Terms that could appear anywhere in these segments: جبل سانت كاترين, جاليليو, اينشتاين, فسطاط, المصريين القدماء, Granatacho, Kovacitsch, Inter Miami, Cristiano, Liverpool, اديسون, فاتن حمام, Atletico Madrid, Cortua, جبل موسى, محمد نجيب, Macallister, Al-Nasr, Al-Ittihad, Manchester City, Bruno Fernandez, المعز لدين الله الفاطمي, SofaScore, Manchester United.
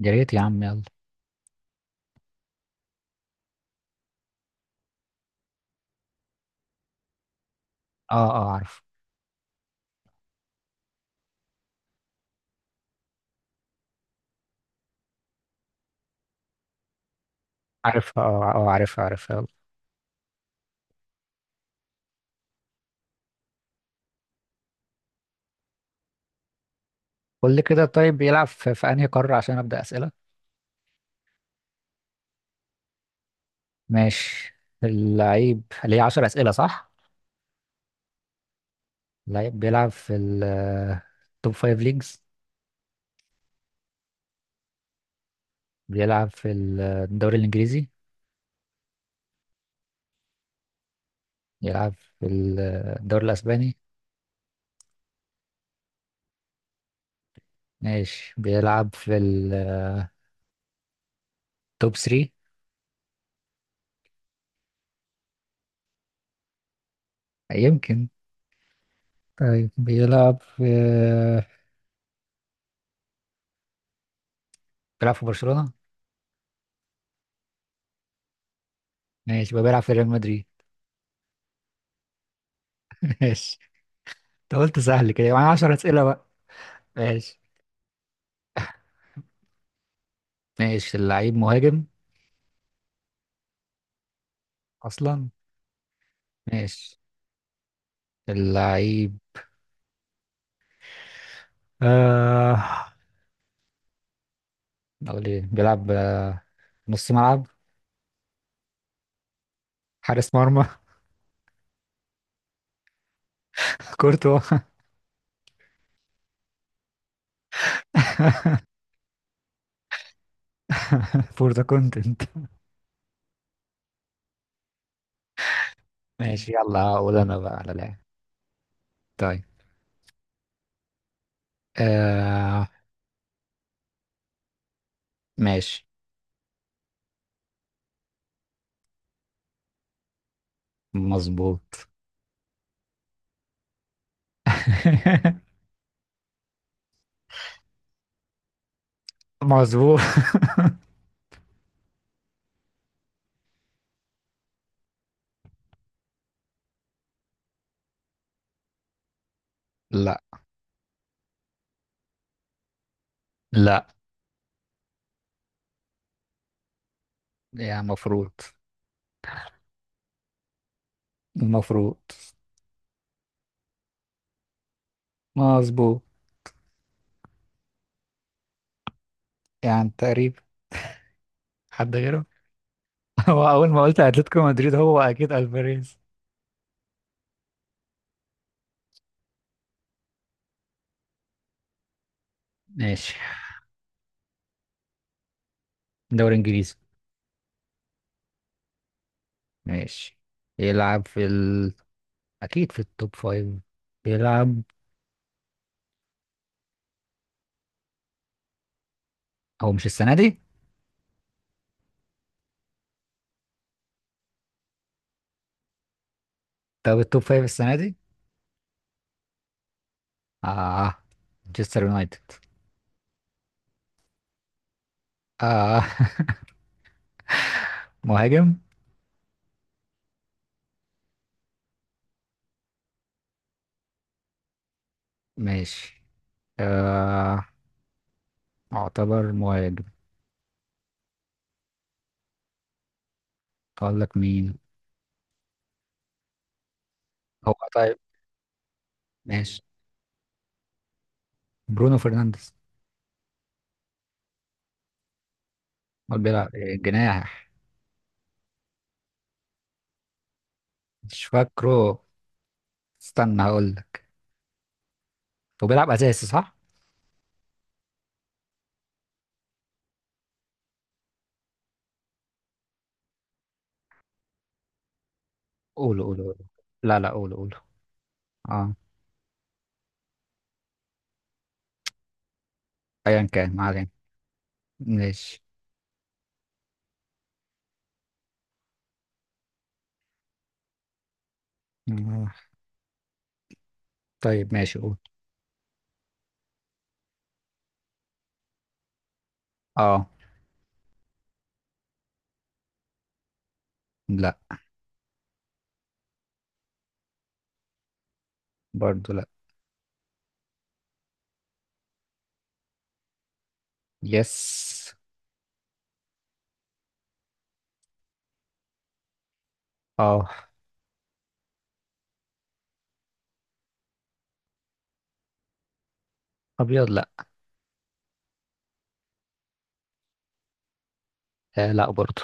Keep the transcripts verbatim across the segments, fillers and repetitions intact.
يا ريت يا عم يلا. اه اه، عارف. عارفها، اه اه، عارفها عارفها يلا. قول لي كده. طيب بيلعب في, في انهي قارة عشان ابدأ أسئلة؟ ماشي. اللعيب اللي هي 10 أسئلة صح؟ اللعيب بيلعب في التوب 5 ليجز. بيلعب في الدوري الإنجليزي. بيلعب في الدوري الأسباني. ماشي، بيلعب في التوب تري. يمكن. طيب بيلعب في، بيلعب في برشلونة ماشي، يبقى بيلعب في ريال مدريد. ماشي. انت قلت سهل كده يعني، 10 أسئلة بقى. ماشي. ماشي، اللعيب مهاجم اصلا؟ ماشي. اللعيب آه، اقول ايه، بيلعب آه، نص ملعب؟ حارس مرمى؟ كورتوا. فور ذا كونتنت. ماشي، يلا هقول انا بقى على لاعب. طيب. آه. ماشي. مظبوط. مظبوط. لا. لا. يعني المفروض. المفروض. مظبوط. يعني تقريبا. حد غيره؟ هو اول ما قلت اتلتيكو مدريد هو اكيد الفاريز. ماشي. دوري انجليزي. ماشي. يلعب في ال... أكيد في التوب فايف. بيلعب. هو مش السنة دي. طب التوب فايف السنة دي. آه. مانشستر يونايتد. آه. مهاجم. ماشي. آه، اعتبر مهاجم. اقول لك مين. هو طيب. ماشي، برونو فرنانديز. هو بيلعب إيه، جناح؟ مش فاكره، استنى هقول لك. هو بيلعب اساسي صح؟ قوله قوله قوله. لا لا، قوله قوله. اه. ايا كان، ما علينا. ماشي. آه. طيب ماشي، قول. اه. لا. برضو لا. يس. اه. ابيض لا. آه، لا برضو.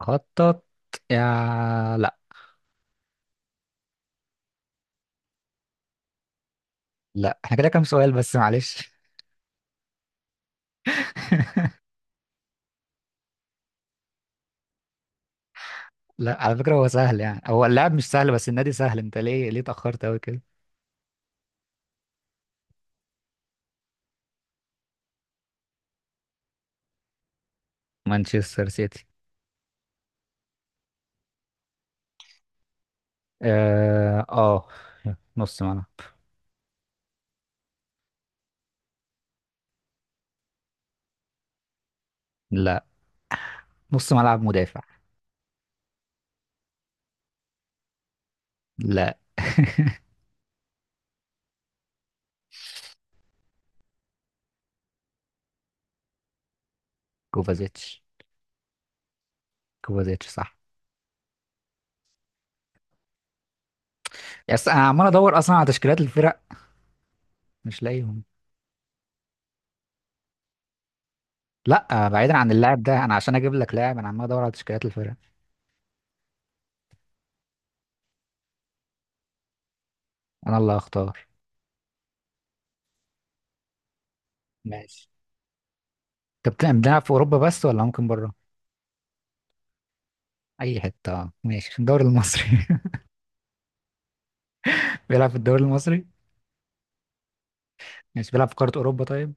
خطط، يا لا. لا احنا كده كام سؤال بس، معلش. لا على فكرة هو سهل، يعني هو اللاعب مش سهل بس النادي سهل. انت ليه ليه اتأخرت قوي كده؟ مانشستر سيتي. اه آه، نص ملعب. لا. نص ملعب مدافع. لا. كوفازيتش. كوفازيتش صح. يس، انا عمال ادور اصلا على تشكيلات الفرق، مش لاقيهم. لا آه، بعيدا عن اللاعب ده، انا عشان اجيب لك لاعب انا عمال ادور على تشكيلات الفرق. انا اللي هختار ماشي. طب بتلعب بتلعب في اوروبا بس ولا ممكن بره؟ اي حته، آه ماشي. في الدوري المصري؟ بيلعب في الدوري المصري. ماشي، بيلعب في قاره اوروبا طيب؟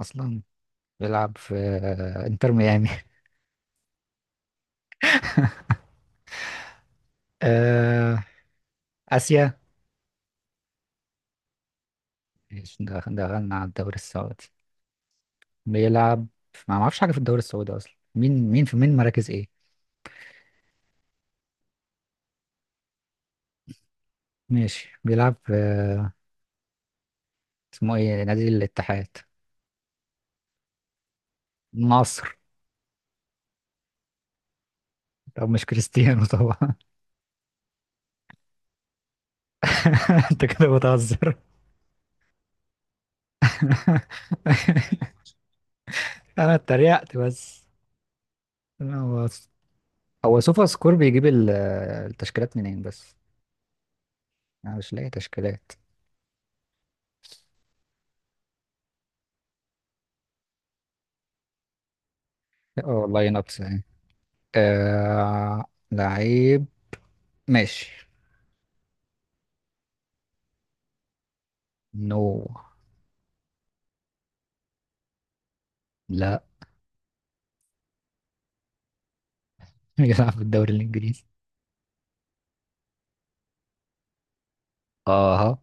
اصلا. بيلعب في آه، انتر ميامي؟ آه، اسيا. ماشي، دخ- دخلنا على الدوري السعودي. بيلعب. ما ما اعرفش حاجه في الدوري السعودي اصلا، مين مين في مين مراكز ايه. ماشي، بيلعب في، آه، اسمه ايه، نادي الاتحاد؟ النصر. طب مش كريستيانو طبعا. انت كده بتهزر. انا اتريقت بس. لا، هو هو. سوفا سكور بيجيب ال... التشكيلات منين بس؟ انا مش لاقي تشكيلات. اه والله ناقص يعني. آه... لعيب. ماشي. نو. لا. بيلعب في الدوري الانجليزي. اه.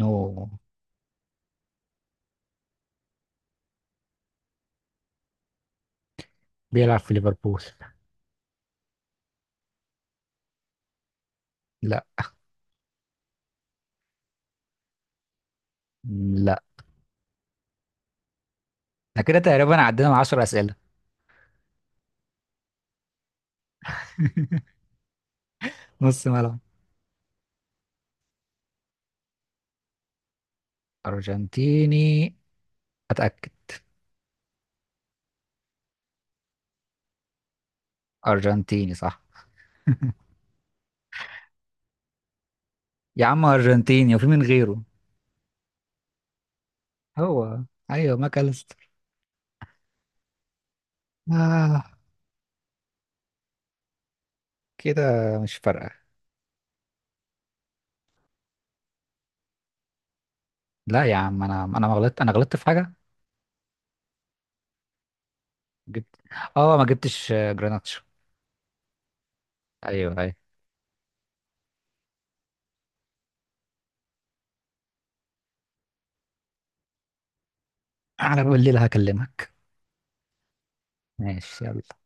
نو. بيلعب في ليفربول. لا. لا احنا كده تقريبا عدينا من 10 اسئله. نص ملعب. ارجنتيني. اتاكد. ارجنتيني صح؟ يا عم ارجنتيني وفي من غيره؟ هو. ايوه ماكاليستر. آه كده، مش فارقه. لا يا عم انا انا ما غلطت، انا غلطت في حاجه. جبت. اه ما جبتش آه، جراناتشو. ايوه ايوه. على بالليل هكلمك. ماشي يلا.